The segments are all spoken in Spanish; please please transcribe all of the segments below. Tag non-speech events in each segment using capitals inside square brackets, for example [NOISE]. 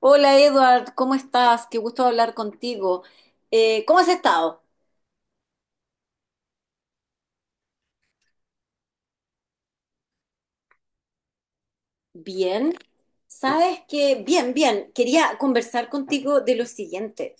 Hola Edward, ¿cómo estás? Qué gusto hablar contigo. ¿Cómo has estado? Bien. Sabes que, quería conversar contigo de lo siguiente.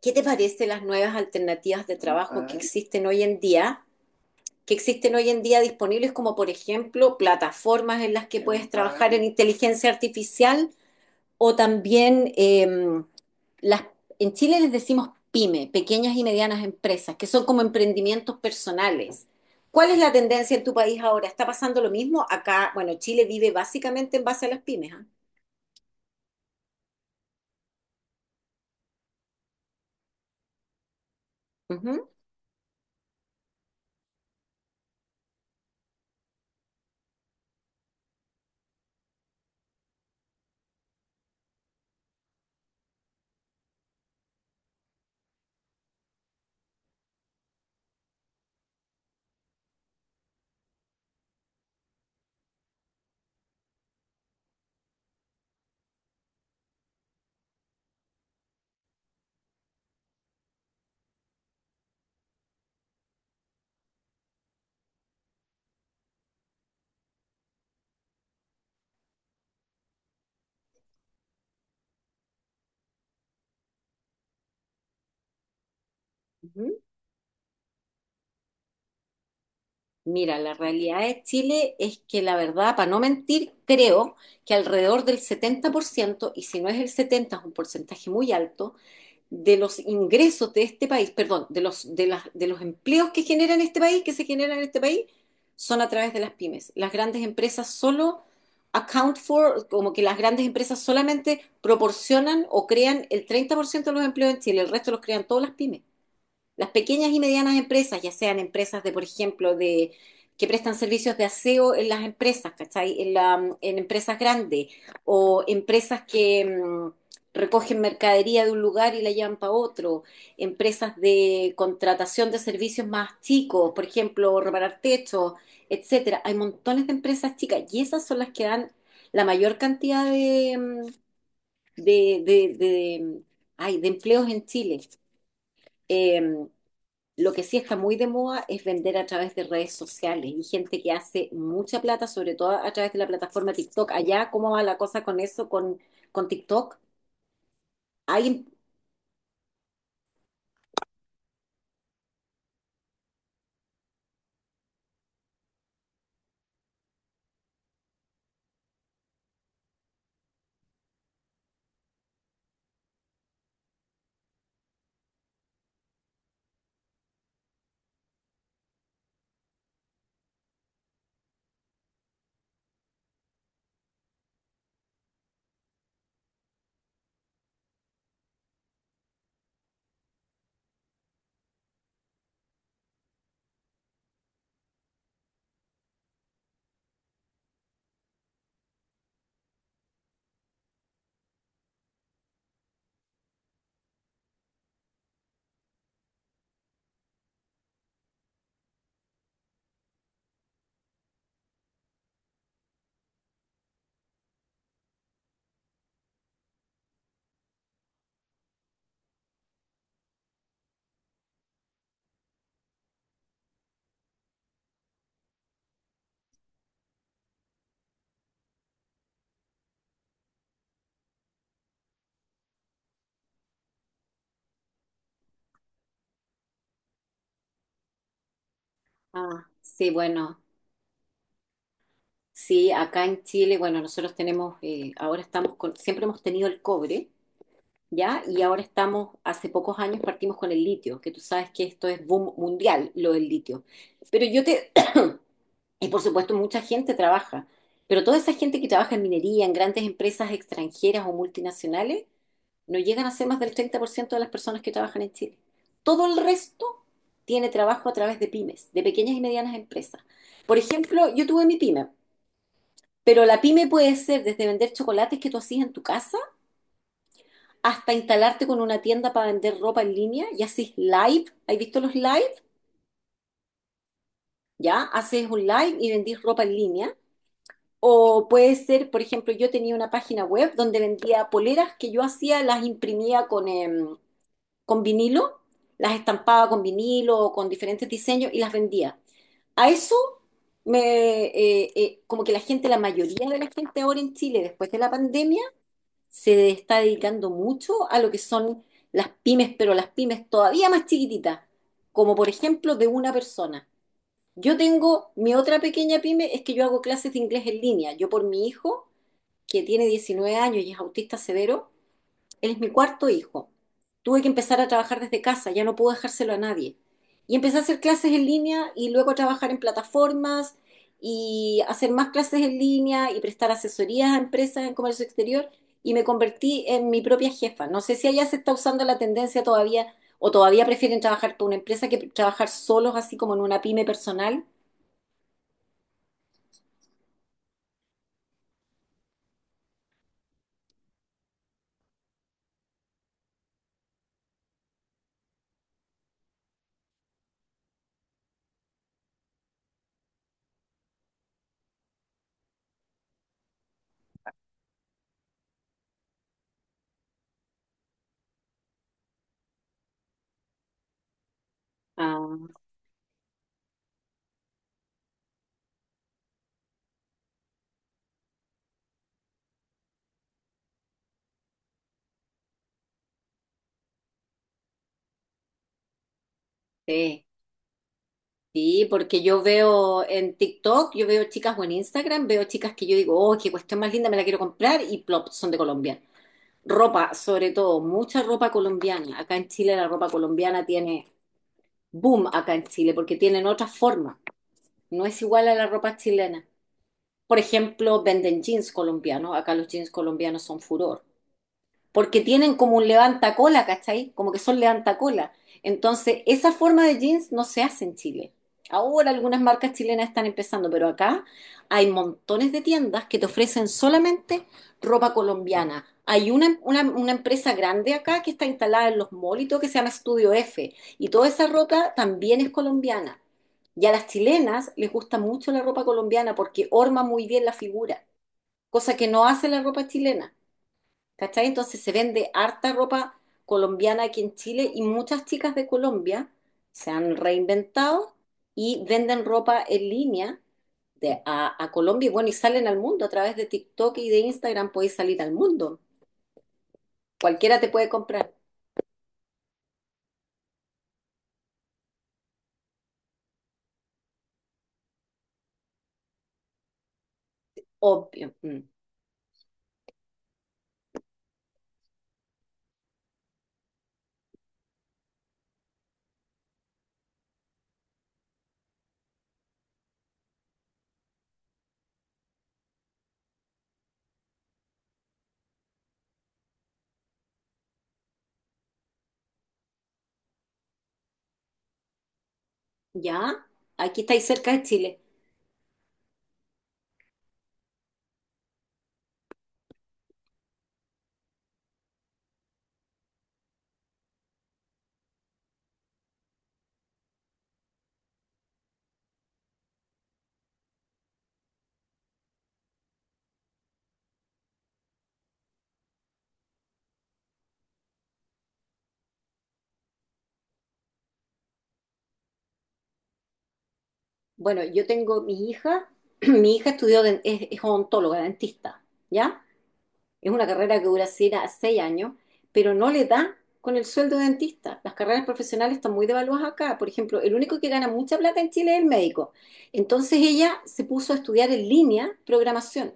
¿Qué te parece las nuevas alternativas de trabajo que existen hoy en día? Que existen hoy en día disponibles como, por ejemplo, plataformas en las que puedes trabajar en inteligencia artificial o también... em, las, en Chile les decimos pyme, pequeñas y medianas empresas, que son como emprendimientos personales. ¿Cuál es la tendencia en tu país ahora? ¿Está pasando lo mismo? Acá, bueno, Chile vive básicamente en base a las pymes, ¿ah? Ujú, ujú. Mira, la realidad de Chile es que la verdad, para no mentir, creo que alrededor del 70%, y si no es el 70, es un porcentaje muy alto, de los ingresos de este país, perdón, de los empleos que se generan en este país, son a través de las pymes. Las grandes empresas solo account for, como que las grandes empresas solamente proporcionan o crean el 30% de los empleos en Chile, el resto los crean todas las pymes. Las pequeñas y medianas empresas, ya sean empresas de, por ejemplo, de que prestan servicios de aseo en las empresas, ¿cachai? En empresas grandes o empresas que recogen mercadería de un lugar y la llevan para otro, empresas de contratación de servicios más chicos, por ejemplo, reparar techos, etcétera. Hay montones de empresas chicas y esas son las que dan la mayor cantidad de, mm, de- ay, de empleos en Chile. Eh, lo que sí está muy de moda es vender a través de redes sociales y gente que hace mucha plata, sobre todo a través de la plataforma TikTok. Allá, ¿cómo va la cosa con eso, con TikTok? ¿Alguien? Ah, sí, bueno, sí, acá en Chile, bueno, nosotros tenemos, siempre hemos tenido el cobre, ¿ya? Y ahora estamos, hace pocos años partimos con el litio, que tú sabes que esto es boom mundial, lo del litio. Pero yo te, [COUGHS] [CLEARS THROAT] y por supuesto mucha gente trabaja, pero toda esa gente que trabaja en minería, en grandes empresas extranjeras o multinacionales, no llegan a ser más del 30% de las personas que trabajan en Chile. Todo el resto tiene trabajo a través de pymes, de pequeñas y medianas empresas. Por ejemplo, yo tuve mi pyme, pero la pyme puede ser desde vender chocolates que tú hacías en tu casa, hasta instalarte con una tienda para vender ropa en línea y haces live. ¿Has visto los live? Ya, haces un live y vendís ropa en línea. O puede ser, por ejemplo, yo tenía una página web donde vendía poleras que yo hacía, las imprimía con, con vinilo, las estampaba con vinilo o con diferentes diseños y las vendía. A eso me, como que la gente, La mayoría de la gente ahora en Chile, después de la pandemia, se está dedicando mucho a lo que son las pymes, pero las pymes todavía más chiquititas, como por ejemplo de una persona. Yo tengo mi otra pequeña pyme, es que yo hago clases de inglés en línea. Yo por mi hijo, que tiene 19 años y es autista severo, él es mi cuarto hijo. Tuve que empezar a trabajar desde casa, ya no puedo dejárselo a nadie. Y empecé a hacer clases en línea y luego a trabajar en plataformas y hacer más clases en línea y prestar asesorías a empresas en comercio exterior y me convertí en mi propia jefa. No sé si allá se está usando la tendencia todavía o todavía prefieren trabajar por una empresa que trabajar solos así como en una pyme personal. Ah, sí. Sí, porque yo veo en TikTok, yo veo chicas o en Instagram, veo chicas que yo digo, oh, qué cuestión más linda, me la quiero comprar y plop, son de Colombia. Ropa, sobre todo, mucha ropa colombiana. Acá en Chile la ropa colombiana tiene boom acá en Chile porque tienen otra forma. No es igual a la ropa chilena. Por ejemplo, venden jeans colombianos. Acá los jeans colombianos son furor porque tienen como un levantacola, ¿cachai? Como que son levantacola. Entonces, esa forma de jeans no se hace en Chile. Ahora algunas marcas chilenas están empezando, pero acá hay montones de tiendas que te ofrecen solamente ropa colombiana. Hay una empresa grande acá que está instalada en los malls y todo, que se llama Estudio F, y toda esa ropa también es colombiana. Y a las chilenas les gusta mucho la ropa colombiana porque orma muy bien la figura, cosa que no hace la ropa chilena. ¿Cachai? Entonces se vende harta ropa colombiana aquí en Chile y muchas chicas de Colombia se han reinventado y venden ropa en línea a Colombia y bueno, y salen al mundo a través de TikTok y de Instagram podéis salir al mundo. Cualquiera te puede comprar, obvio. Mm. ¿Ya? Aquí estáis cerca de Chile. Bueno, yo tengo mi hija, [CLEARS THROAT] mi hija estudió, es odontóloga, dentista, ¿ya? Es una carrera que dura 6 años, pero no le da con el sueldo de dentista. Las carreras profesionales están muy devaluadas acá. Por ejemplo, el único que gana mucha plata en Chile es el médico. Entonces ella se puso a estudiar en línea programación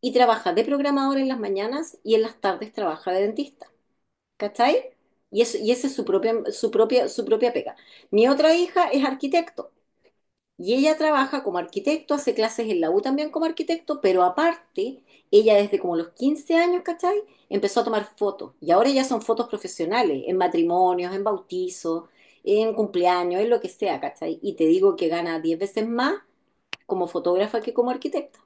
y trabaja de programador en las mañanas y en las tardes trabaja de dentista. ¿Cachai? Y, eso, y esa es su propia, su propia, su propia pega. Mi otra hija es arquitecto. Y ella trabaja como arquitecto, hace clases en la U también como arquitecto, pero aparte, ella desde como los 15 años, ¿cachai? Empezó a tomar fotos. Y ahora ya son fotos profesionales, en matrimonios, en bautizos, en cumpleaños, en lo que sea, ¿cachai? Y te digo que gana 10 veces más como fotógrafa que como arquitecta.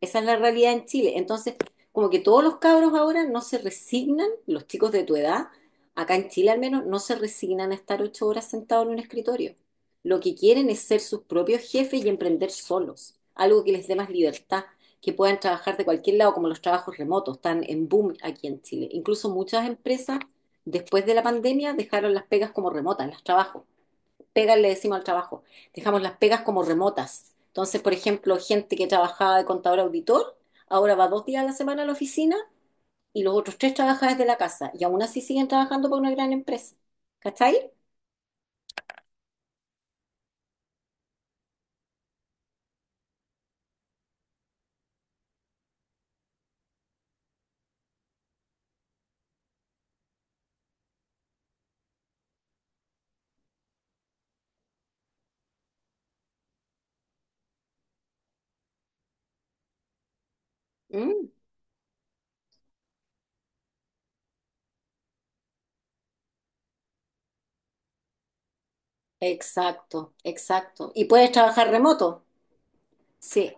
Esa es la realidad en Chile. Entonces, como que todos los cabros ahora no se resignan, los chicos de tu edad, acá en Chile al menos, no se resignan a estar 8 horas sentados en un escritorio. Lo que quieren es ser sus propios jefes y emprender solos, algo que les dé más libertad, que puedan trabajar de cualquier lado, como los trabajos remotos, están en boom aquí en Chile. Incluso muchas empresas, después de la pandemia, dejaron las pegas como remotas, las trabajos pegas le decimos al trabajo, dejamos las pegas como remotas. Entonces, por ejemplo, gente que trabajaba de contador auditor, ahora va 2 días a la semana a la oficina y los otros tres trabaja desde la casa y aún así siguen trabajando para una gran empresa. ¿Cachai? Mm, exacto, exacto. Y puedes trabajar remoto. Sí,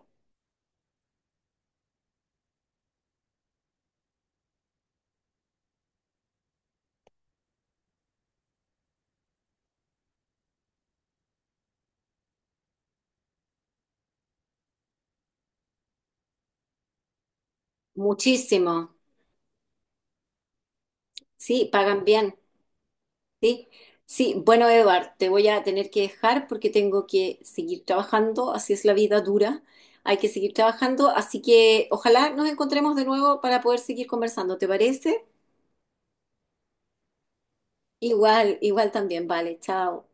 muchísimo. Sí, pagan bien. Sí, sí, bueno, Edward, te voy a tener que dejar porque tengo que seguir trabajando, así es la vida dura, hay que seguir trabajando, así que ojalá nos encontremos de nuevo para poder seguir conversando, ¿te parece? Igual, igual también, vale, chao.